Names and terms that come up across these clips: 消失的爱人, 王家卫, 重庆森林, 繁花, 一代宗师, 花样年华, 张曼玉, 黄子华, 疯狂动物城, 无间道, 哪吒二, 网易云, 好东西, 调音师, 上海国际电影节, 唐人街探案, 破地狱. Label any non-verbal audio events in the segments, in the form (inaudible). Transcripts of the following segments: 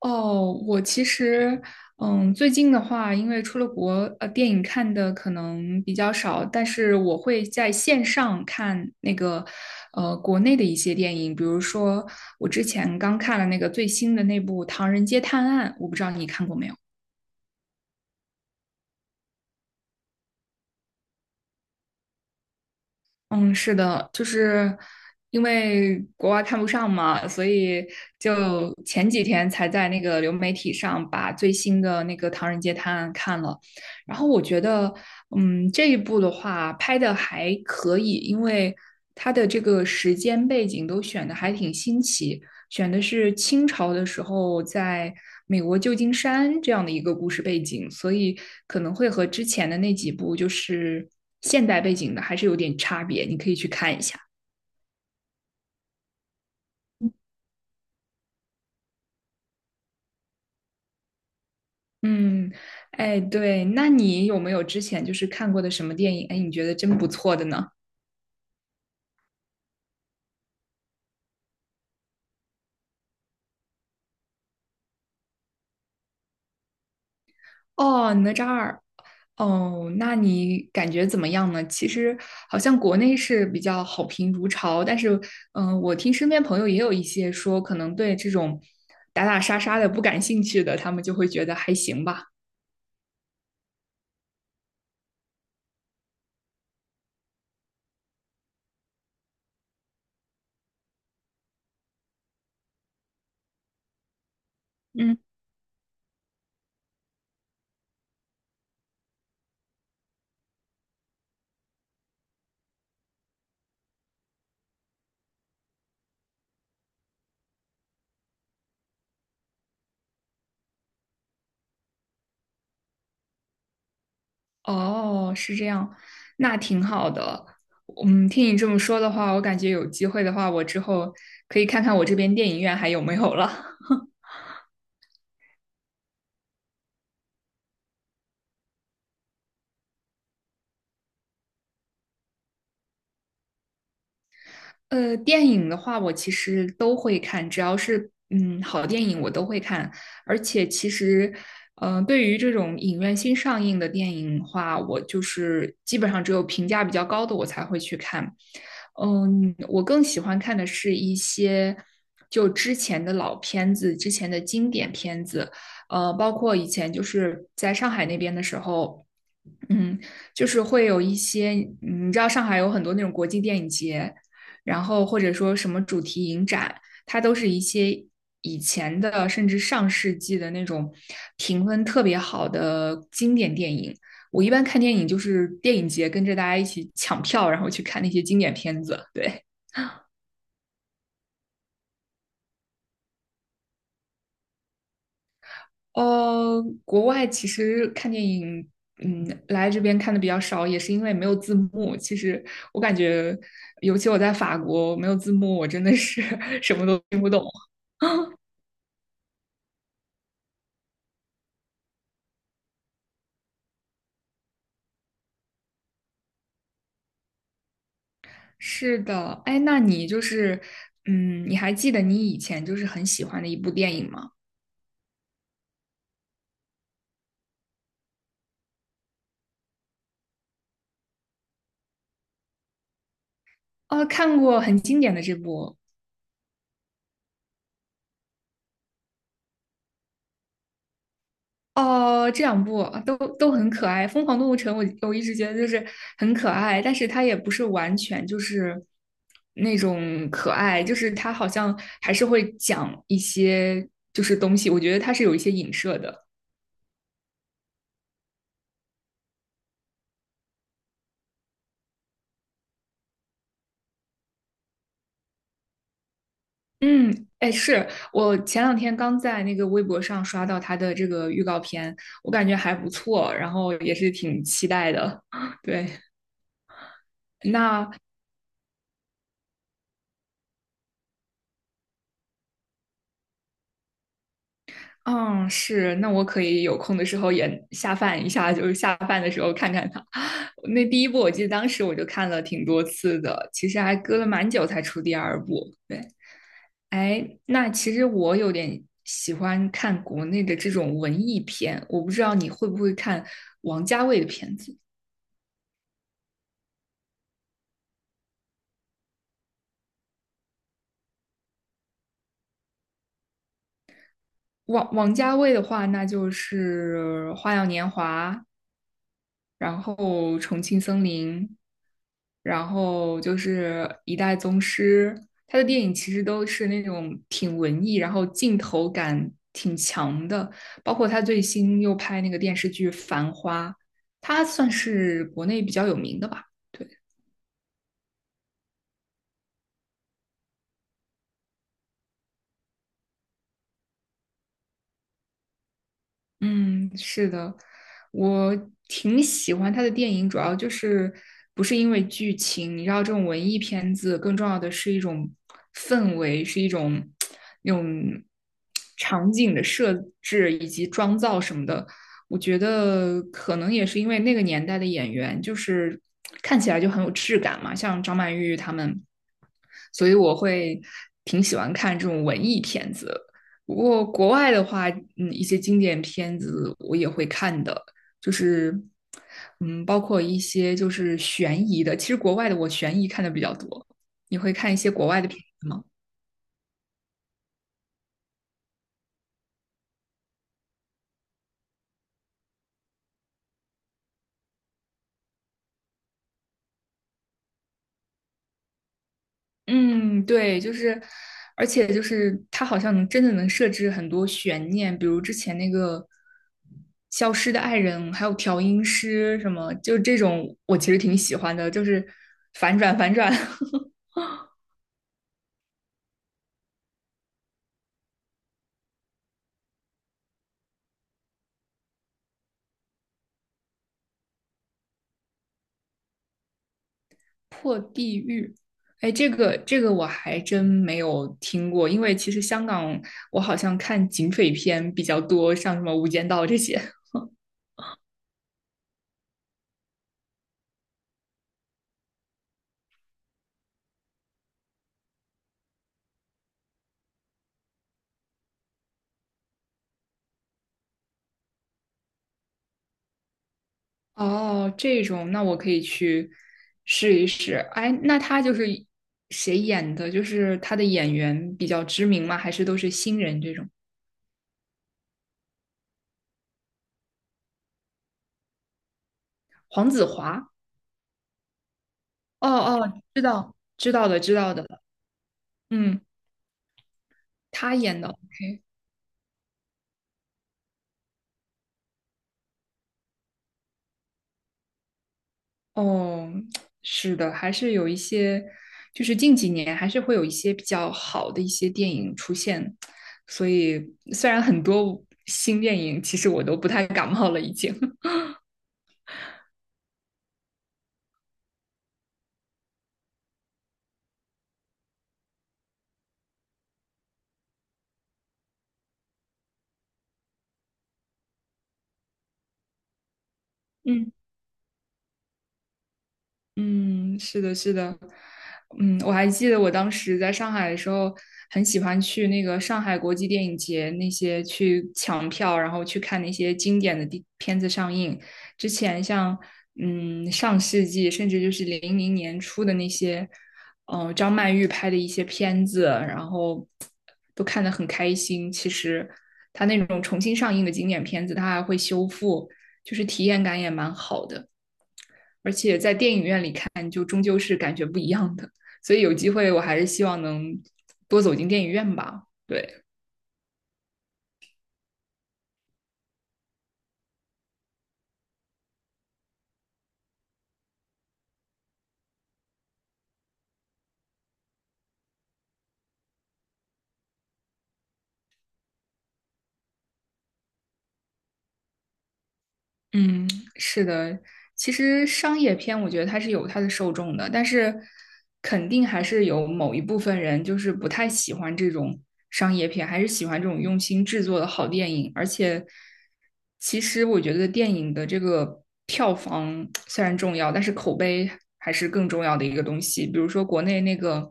哦，我其实，最近的话，因为出了国，电影看的可能比较少，但是我会在线上看那个，国内的一些电影，比如说我之前刚看了那个最新的那部《唐人街探案》，我不知道你看过没有。嗯，是的，就是因为国外看不上嘛，所以就前几天才在那个流媒体上把最新的那个《唐人街探案》看了，然后我觉得，这一部的话拍的还可以，因为它的这个时间背景都选的还挺新奇，选的是清朝的时候在美国旧金山这样的一个故事背景，所以可能会和之前的那几部就是现代背景的还是有点差别，你可以去看一下。嗯，哎，对，那你有没有之前就是看过的什么电影？哎，你觉得真不错的呢？哦，哪吒二，哦，那你感觉怎么样呢？其实好像国内是比较好评如潮，但是，我听身边朋友也有一些说，可能对这种打打杀杀的不感兴趣的，他们就会觉得还行吧。嗯，哦，是这样，那挺好的。听你这么说的话，我感觉有机会的话，我之后可以看看我这边电影院还有没有了。电影的话，我其实都会看，只要是好电影我都会看。而且其实，对于这种影院新上映的电影的话，我就是基本上只有评价比较高的我才会去看。我更喜欢看的是一些就之前的老片子、之前的经典片子，包括以前就是在上海那边的时候。嗯，就是会有一些，你知道上海有很多那种国际电影节，然后或者说什么主题影展，它都是一些以前的甚至上世纪的那种评分特别好的经典电影。我一般看电影就是电影节跟着大家一起抢票，然后去看那些经典片子。对，国外其实看电影，来这边看的比较少，也是因为没有字幕。其实我感觉，尤其我在法国没有字幕，我真的是 (laughs) 什么都听不懂。(laughs) 是的，哎，那你就是，你还记得你以前就是很喜欢的一部电影吗？哦，看过很经典的这部哦，这两部都很可爱，《疯狂动物城》我一直觉得就是很可爱，但是它也不是完全就是那种可爱，就是它好像还是会讲一些就是东西，我觉得它是有一些影射的。嗯，哎，是我前两天刚在那个微博上刷到它的这个预告片，我感觉还不错，然后也是挺期待的。(laughs) 对，那嗯，是，那我可以有空的时候也下饭一下，就是下饭的时候看看它。(laughs) 那第一部我记得当时我就看了挺多次的，其实还隔了蛮久才出第二部。对，哎，那其实我有点喜欢看国内的这种文艺片，我不知道你会不会看王家卫的片子。王家卫的话，那就是《花样年华》，然后《重庆森林》。然后就是一代宗师，他的电影其实都是那种挺文艺，然后镜头感挺强的，包括他最新又拍那个电视剧《繁花》，他算是国内比较有名的吧。对。嗯，是的，我挺喜欢他的电影，主要就是不是因为剧情，你知道这种文艺片子更重要的是一种氛围，是一种那种场景的设置以及妆造什么的。我觉得可能也是因为那个年代的演员就是看起来就很有质感嘛，像张曼玉他们，所以我会挺喜欢看这种文艺片子。不过国外的话，一些经典片子我也会看的，就是，包括一些就是悬疑的。其实国外的我悬疑看的比较多，你会看一些国外的片子吗？嗯，对，就是，而且就是它好像能真的能设置很多悬念，比如之前那个《消失的爱人》，还有调音师什么，就这种我其实挺喜欢的，就是反转反转。(laughs) 破地狱。哎，这个我还真没有听过，因为其实香港我好像看警匪片比较多，像什么《无间道》这些。哦，这种那我可以去试一试。哎，那他就是谁演的？就是他的演员比较知名吗？还是都是新人这种？黄子华？哦哦，知道的，嗯，他演的。OK 哦，是的，还是有一些，就是近几年还是会有一些比较好的一些电影出现，所以虽然很多新电影，其实我都不太感冒了，已经。(laughs) 嗯。嗯，是的，是的，我还记得我当时在上海的时候，很喜欢去那个上海国际电影节那些去抢票，然后去看那些经典的地片子上映。之前像上世纪，甚至就是零零年初的那些，张曼玉拍的一些片子，然后都看得很开心。其实他那种重新上映的经典片子，他还会修复，就是体验感也蛮好的。而且在电影院里看，就终究是感觉不一样的。所以有机会，我还是希望能多走进电影院吧。对，嗯，是的，其实商业片我觉得它是有它的受众的，但是肯定还是有某一部分人就是不太喜欢这种商业片，还是喜欢这种用心制作的好电影。而且，其实我觉得电影的这个票房虽然重要，但是口碑还是更重要的一个东西。比如说国内那个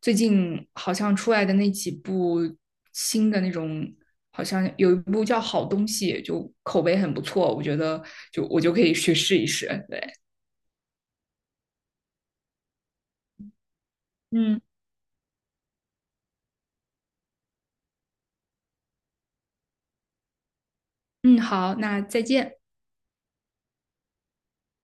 最近好像出来的那几部新的那种。好像有一部叫《好东西》，就口碑很不错，我觉得就我就可以去试一试。对，嗯嗯，好，那再见。